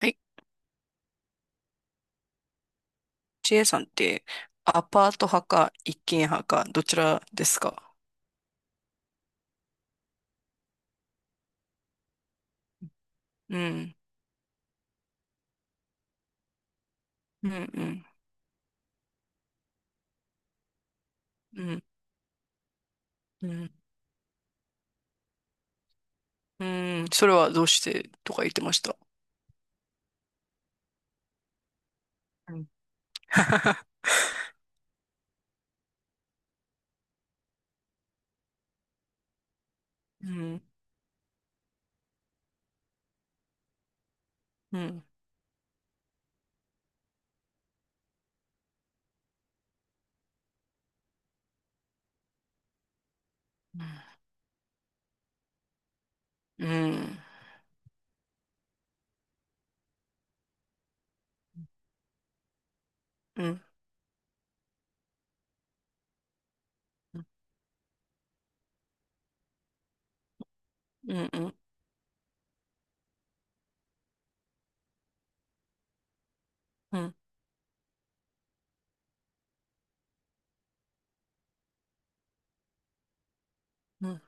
はい、ジェイさんってアパート派か一軒派かどちらですか？うん、うん、うん、うん、うん、うん、それはどうしてとか言ってました。うん、うん、うん、うん、うん、うん、うん、うん、うん。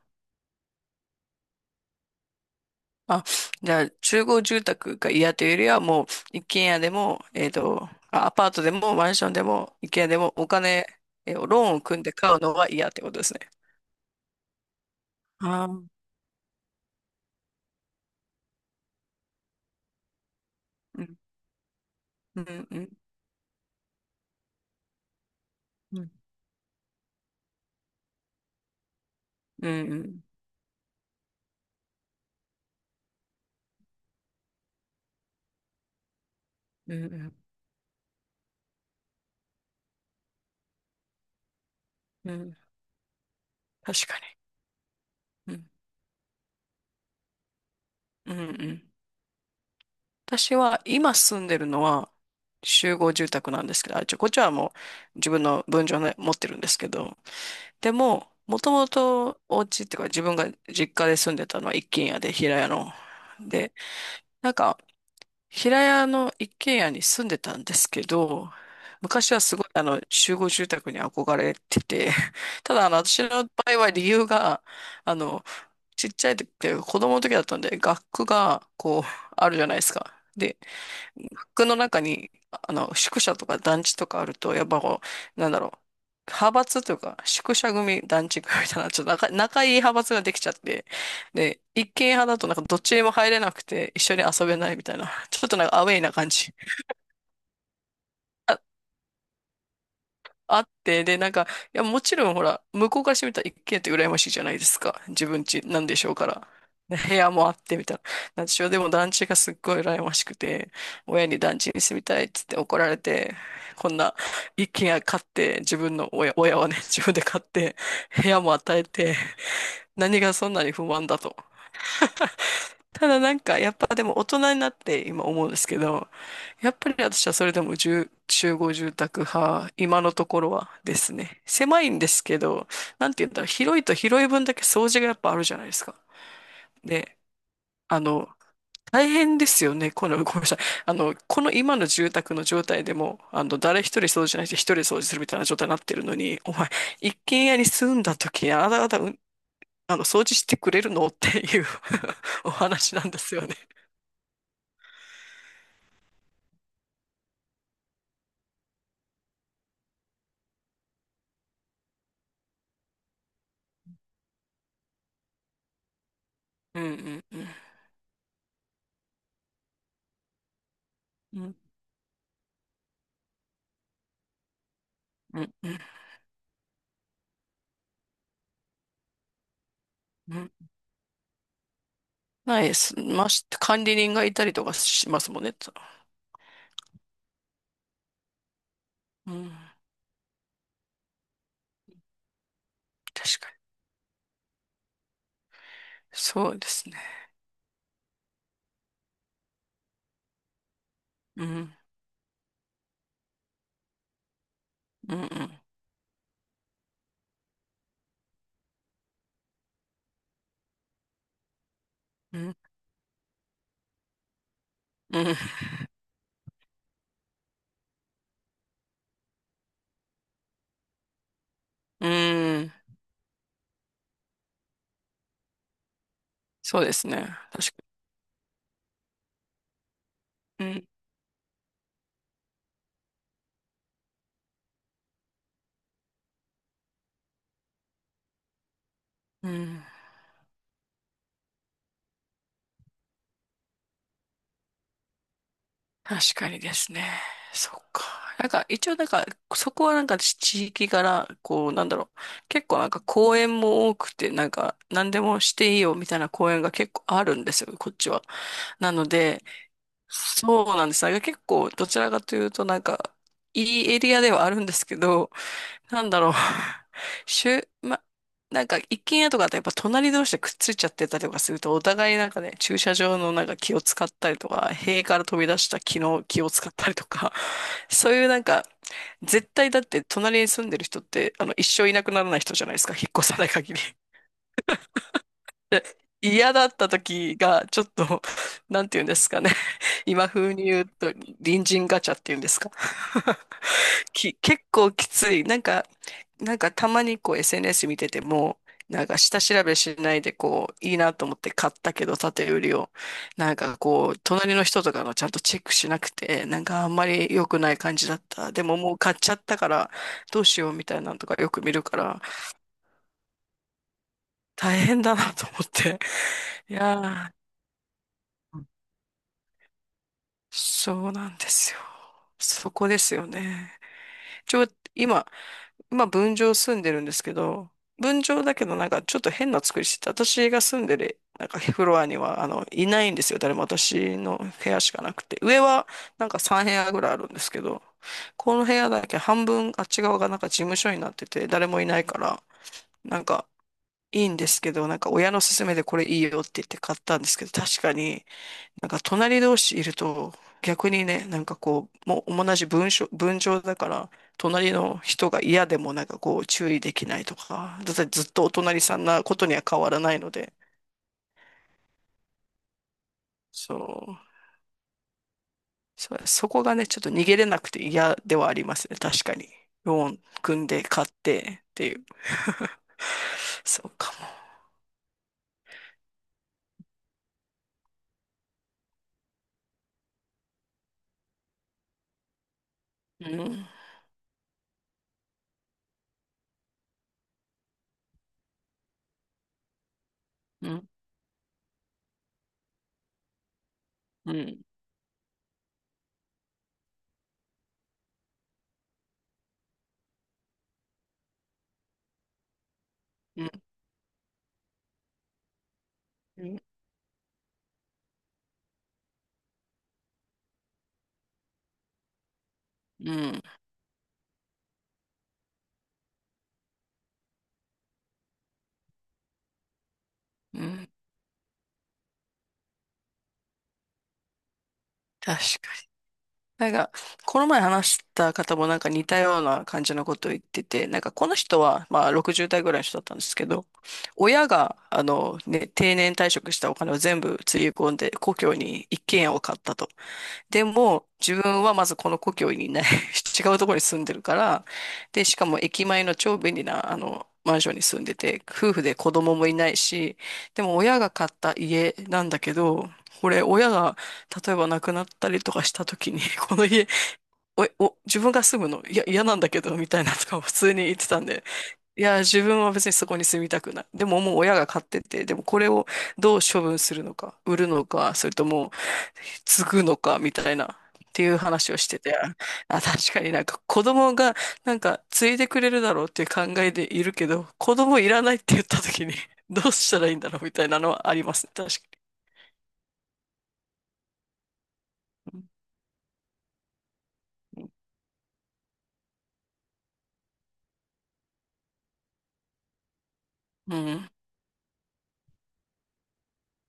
あ、じゃあ、集合住宅が嫌というよりは、もう一軒家でも、あアパートでもマンションでも一軒家でもお金、ローンを組んで買うのは嫌ってことですね。ああ、うん、うん、うん、うん、うん。うんうんうん。確かに。うん。うんうん。私は今住んでるのは集合住宅なんですけど、あ、ちょ、こっちはもう自分の分譲の持ってるんですけど、でも、もともとお家っていうか自分が実家で住んでたのは一軒家で平屋の。で、なんか平屋の一軒家に住んでたんですけど、昔はすごいあの集合住宅に憧れてて、ただあの私の場合は理由が、あの、ちっちゃい時って子供の時だったんで、学区がこう、あるじゃないですか。で、学区の中に、あの、宿舎とか団地とかあると、やっぱこう、なんだろう、派閥というか、宿舎組、団地組みたいな、ちょっと仲いい派閥ができちゃって、で、一軒派だとなんかどっちにも入れなくて、一緒に遊べないみたいな、ちょっとなんかアウェイな感じ。あって、で、なんか、いや、もちろんほら、向こうからしてみたら一軒家って羨ましいじゃないですか。自分家なんでしょうから。で部屋もあってみたいな。なんでしょう。でも団地がすっごい羨ましくて、親に団地に住みたいっつって怒られて、こんな一軒家買って、自分の親はね、自分で買って、部屋も与えて、何がそんなに不満だと。ただなんか、やっぱでも大人になって今思うんですけど、やっぱり私はそれでも住集合住宅派、今のところはですね。狭いんですけど、なんて言ったら広いと広い分だけ掃除がやっぱあるじゃないですか。で、あの、大変ですよね。この、ごめんなさい。あの、この今の住宅の状態でも、あの、誰一人掃除しないし、一人掃除するみたいな状態になってるのに、お前、一軒家に住んだ時にあなた方、うん、あの、掃除してくれるのっていう お話なんですよね。うんうんうん。うん、うん、うん。うん、ないです。まし、管理人がいたりとかしますもんね。うん、確かに。そうですね。うん、うん、うん、うん、うん、うん、そうですね。確かに。うん、うん、確かにですね。そっか。なんか、一応なんか、そこはなんか地域柄、こう、なんだろう。結構なんか公園も多くて、なんか、何でもしていいよみたいな公園が結構あるんですよ、こっちは。なので、そうなんです。なんか結構、どちらかというと、なんか、いいエリアではあるんですけど、なんだろう。しゅ、ま、なんか、一軒家とかってやっぱ隣同士でくっついちゃってたりとかすると、お互いなんかね、駐車場のなんか気を使ったりとか、塀から飛び出した木の気を使ったりとか、そういうなんか、絶対だって隣に住んでる人って、あの、一生いなくならない人じゃないですか、引っ越さない限り。嫌だった時が、ちょっと、なんて言うんですかね。今風に言うと、隣人ガチャって言うんですか。き、結構きつい。なんか、なんかたまにこう SNS 見てても、なんか下調べしないでこう、いいなと思って買ったけど、縦売りを。なんかこう、隣の人とかがちゃんとチェックしなくて、なんかあんまり良くない感じだった。でももう買っちゃったから、どうしようみたいなのとかよく見るから、大変だなと思って。いやー。そうなんですよ。そこですよね。ちょ、今、分譲住んでるんですけど、分譲だけどなんかちょっと変な作りしてて、私が住んでる、なんかフロアには、あの、いないんですよ。誰も私の部屋しかなくて。上はなんか3部屋ぐらいあるんですけど、この部屋だけ半分あっち側がなんか事務所になってて、誰もいないから、なんかいいんですけど、なんか親の勧めでこれいいよって言って買ったんですけど、確かになんか隣同士いると逆にね、なんかこう、もう同じ文章だから、隣の人が嫌でもなんかこう注意できないとか、だってずっとお隣さんなことには変わらないので、そう、そ、そこがね、ちょっと逃げれなくて嫌ではありますね、確かに。ローン組んで買ってっていう。そうかも。うん、うん、うん、うん、うん、うん、うん、確、なんか、この前話した方もなんか似たような感じのことを言ってて、なんかこの人は、まあ60代ぐらいの人だったんですけど、親が、あのね、定年退職したお金を全部つぎ込んで、故郷に一軒家を買ったと。でも、自分はまずこの故郷にいない。 違うところに住んでるから、で、しかも駅前の超便利な、あの、マンションに住んでて、夫婦で子供もいないし、でも親が買った家なんだけど、これ親が例えば亡くなったりとかした時に、この家、お、お、自分が住むの、いや、嫌なんだけど、みたいなとかを普通に言ってたんで、いや、自分は別にそこに住みたくない。でももう親が買ってて、でもこれをどう処分するのか、売るのか、それとも継ぐのか、みたいな、っていう話をしてて、あ、確かになんか子供がなんか継いでくれるだろうっていう考えでいるけど、子供いらないって言った時にどうしたらいいんだろうみたいなのはありますね。確かに。うん。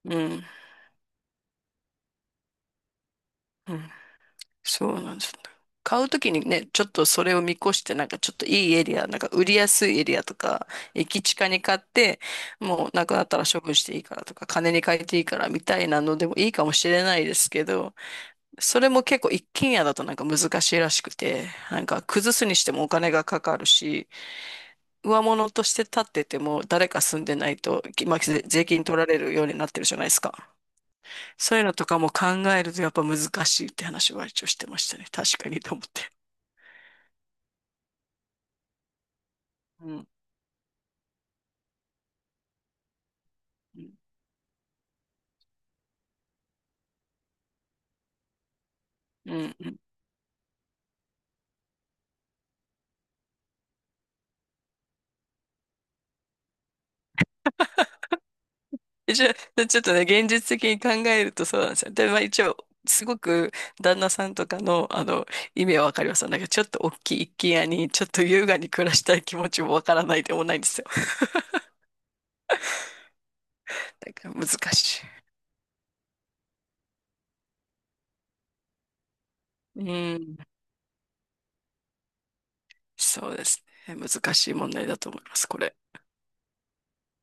うん。うん。そうなんですよ。買うときにね、ちょっとそれを見越して、なんかちょっといいエリア、なんか売りやすいエリアとか、駅近に買って、もうなくなったら処分していいからとか、金に換えていいからみたいなのでもいいかもしれないですけど、それも結構一軒家だとなんか難しいらしくて、なんか崩すにしてもお金がかかるし、上物として建ってても誰か住んでないと、きまあ、税金取られるようになってるじゃないですか。そういうのとかも考えるとやっぱ難しいって話は一応してましたね。確かにと思って。うん。うん。うん、一応、ちょっとね、現実的に考えるとそうなんですよ。で、まあ一応、すごく旦那さんとかの、あの、意味はわかります。だけど、ちょっと大きい一軒家に、ちょっと優雅に暮らしたい気持ちもわからないでもないんですよ。だから難しい。うん。そうですね。難しい問題だと思います、これ。